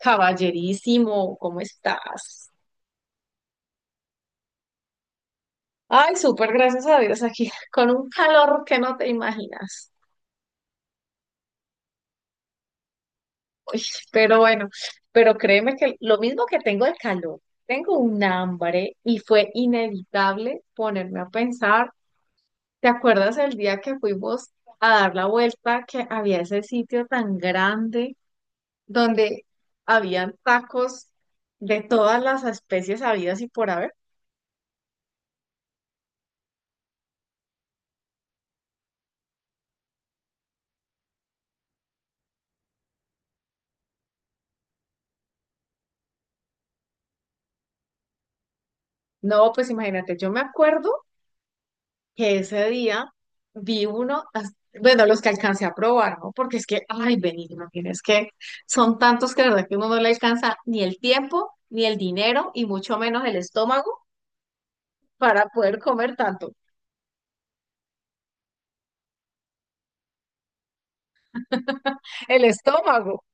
Caballerísimo, ¿cómo estás? Ay, súper, gracias a Dios aquí, con un calor que no te imaginas. Uy, pero bueno, pero créeme que lo mismo que tengo el calor, tengo un hambre y fue inevitable ponerme a pensar, ¿te acuerdas el día que fuimos a dar la vuelta, que había ese sitio tan grande donde habían tacos de todas las especies habidas y por haber? No, pues imagínate, yo me acuerdo que ese día vi uno, as- bueno, los que alcancé a probar, ¿no? Porque es que, ay, Benigno, tienes que, son tantos que la verdad que uno no le alcanza ni el tiempo, ni el dinero, y mucho menos el estómago para poder comer tanto. El estómago.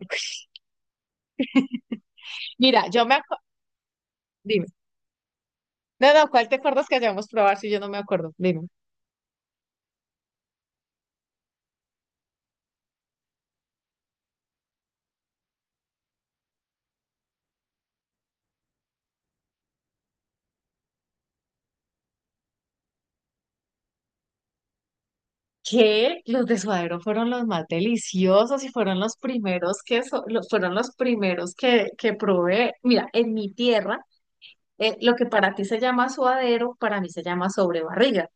Mira, yo me acuerdo, dime. No, no, ¿cuál te acuerdas que hayamos probado si yo no me acuerdo? Dime. Que los de suadero fueron los más deliciosos y fueron los primeros que fueron los primeros que probé. Mira, en mi tierra lo que para ti se llama suadero, para mí se llama sobrebarriga.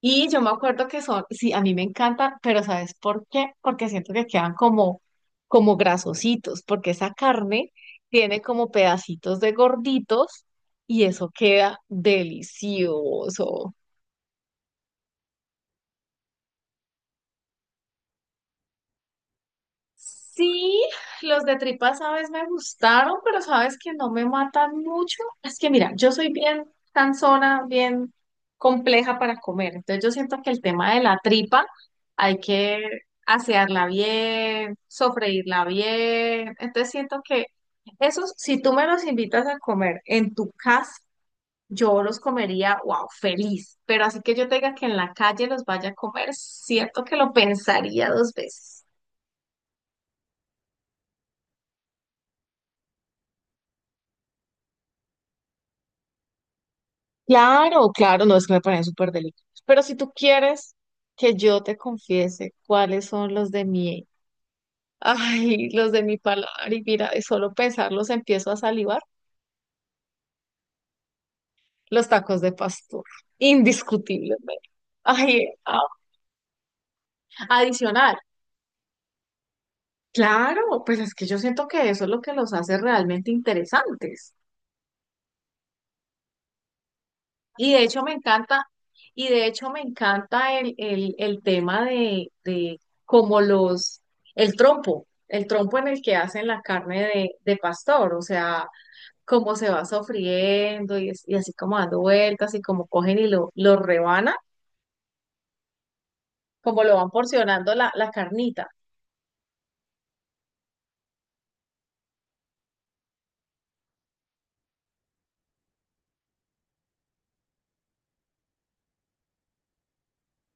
Y yo me acuerdo que son, sí, a mí me encantan, pero ¿sabes por qué? Porque siento que quedan como, como grasositos, porque esa carne tiene como pedacitos de gorditos y eso queda delicioso. Sí, los de tripas, sabes, me gustaron, pero sabes que no me matan mucho. Es que mira, yo soy bien cansona, bien compleja para comer. Entonces yo siento que el tema de la tripa hay que asearla bien, sofreírla bien. Entonces siento que esos, si tú me los invitas a comer en tu casa, yo los comería, wow, feliz. Pero así que yo tenga que en la calle los vaya a comer, siento que lo pensaría dos veces. Claro, claro, no es que me parecen súper delicados. Pero si tú quieres que yo te confiese cuáles son los de mi, ay, los de mi paladar, y mira, de solo pensarlos empiezo a salivar, los tacos de pastor, indiscutiblemente. Ay, a- Adicional. Claro, pues es que yo siento que eso es lo que los hace realmente interesantes. Y de hecho me encanta, y de hecho me encanta el tema de como los, el trompo en el que hacen la carne de pastor, o sea, cómo se va sofriendo y así como dando vueltas y como cogen y lo rebanan, como lo van porcionando la, la carnita.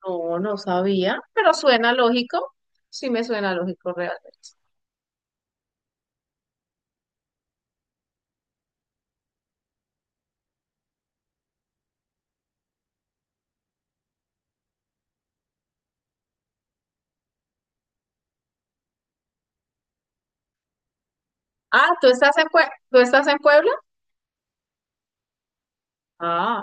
No, no sabía, pero suena lógico, sí me suena lógico realmente. Ah, ¿tú estás tú estás en Puebla? Ah,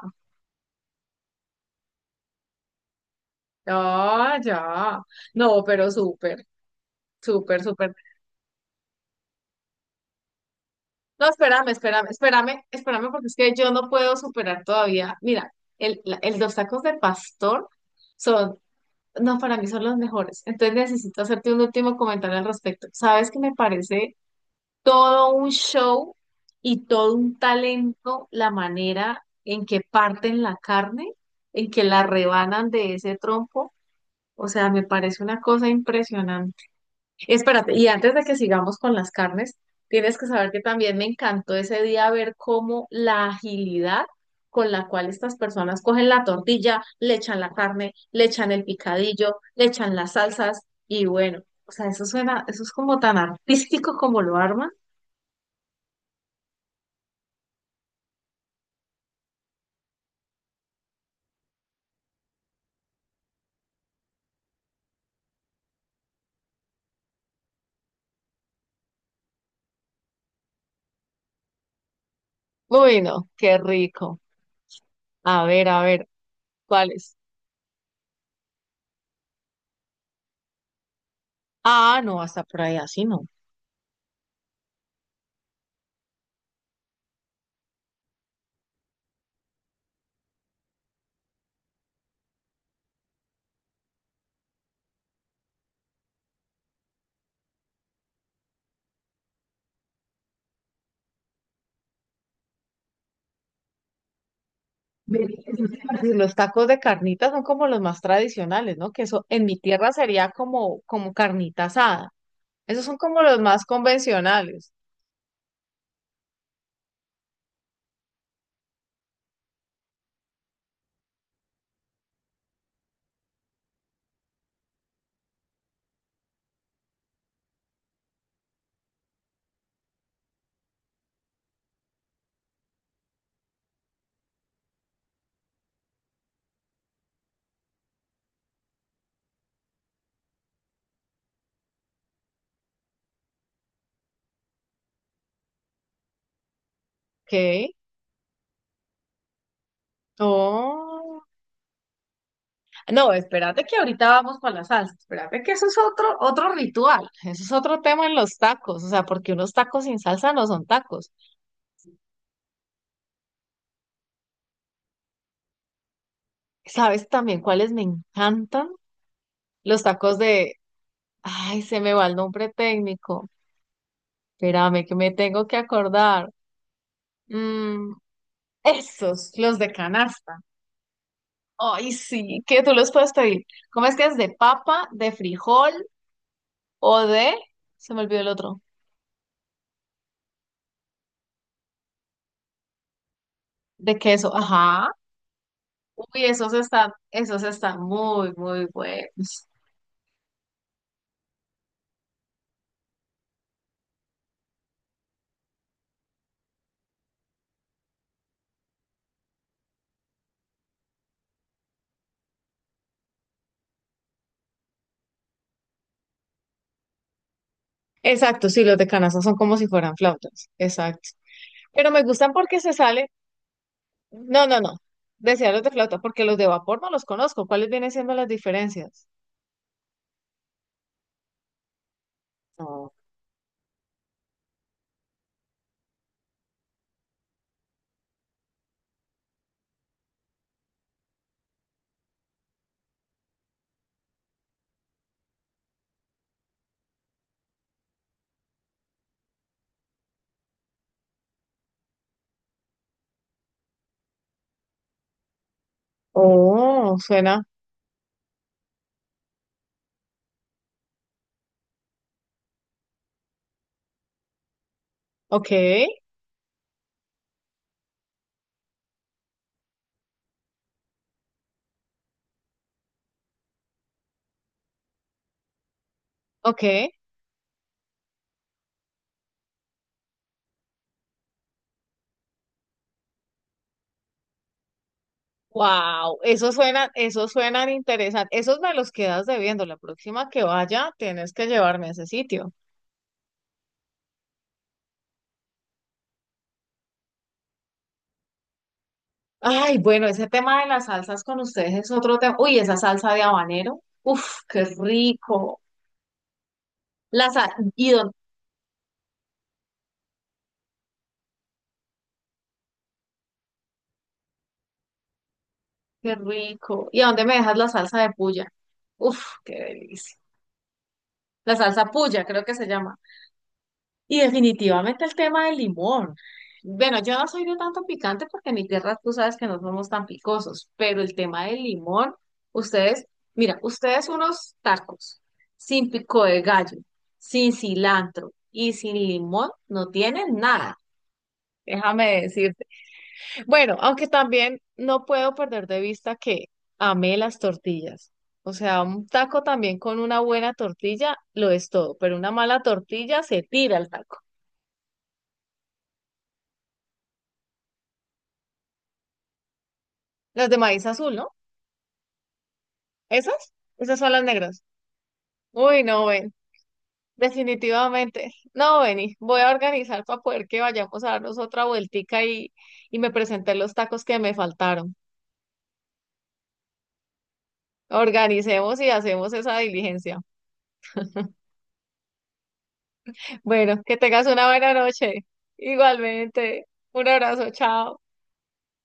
ah, ya. No, pero súper. Súper, súper. No, espérame, espérame, espérame, espérame, porque es que yo no puedo superar todavía. Mira, los tacos de pastor son, no, para mí son los mejores. Entonces necesito hacerte un último comentario al respecto. Sabes que me parece todo un show y todo un talento la manera en que parten la carne, en que la rebanan de ese trompo. O sea, me parece una cosa impresionante. Espérate, y antes de que sigamos con las carnes, tienes que saber que también me encantó ese día ver cómo la agilidad con la cual estas personas cogen la tortilla, le echan la carne, le echan el picadillo, le echan las salsas y bueno, o sea, eso suena, eso es como tan artístico como lo arman. Uy, no, qué rico. A ver, ¿cuáles? Ah, no, hasta por ahí así no. Ve, eso te iba a decir, los tacos de carnitas son como los más tradicionales, ¿no? Que eso en mi tierra sería como, como carnita asada. Esos son como los más convencionales. ¿Qué? Oh. No, espérate que ahorita vamos con la salsa. Espérate que eso es otro, otro ritual. Eso es otro tema en los tacos. O sea, porque unos tacos sin salsa no son tacos. ¿Sabes también cuáles me encantan? Los tacos de... Ay, se me va el nombre técnico. Espérame que me tengo que acordar. Mm, Esos, los de canasta. Ay, sí, que tú los puedes pedir. ¿Cómo es que es de papa, de frijol o de... Se me olvidó el otro. De queso. Ajá. Uy, esos están muy, muy buenos. Exacto, sí, los de canasta son como si fueran flautas. Exacto. Pero me gustan porque se sale... No, no, no. Decía los de flauta, porque los de vapor no los conozco. ¿Cuáles vienen siendo las diferencias? No. Oh, suena. Ok, ok. Wow, eso suena interesante. Esos me los quedas debiendo. La próxima que vaya, tienes que llevarme a ese sitio. Ay, bueno, ese tema de las salsas con ustedes es otro tema. Uy, esa salsa de habanero. Uf, qué rico. La sal, y dónde, qué rico. ¿Y a dónde me dejas la salsa de puya? Uf, qué delicia. La salsa puya, creo que se llama. Y definitivamente el tema del limón. Bueno, yo no soy de tanto picante porque en mi tierra tú sabes que no somos tan picosos, pero el tema del limón, ustedes, mira, ustedes unos tacos sin pico de gallo, sin cilantro y sin limón no tienen nada. Déjame decirte. Bueno, aunque también no puedo perder de vista que amé las tortillas. O sea, un taco también con una buena tortilla lo es todo, pero una mala tortilla se tira el taco. Las de maíz azul, ¿no? ¿Esas? Esas son las negras. Uy, no, ven. Definitivamente. No, Beni. Voy a organizar para poder que vayamos a darnos otra vueltica y me presenté los tacos que me faltaron. Organicemos y hacemos esa diligencia. Bueno, que tengas una buena noche. Igualmente. Un abrazo, chao.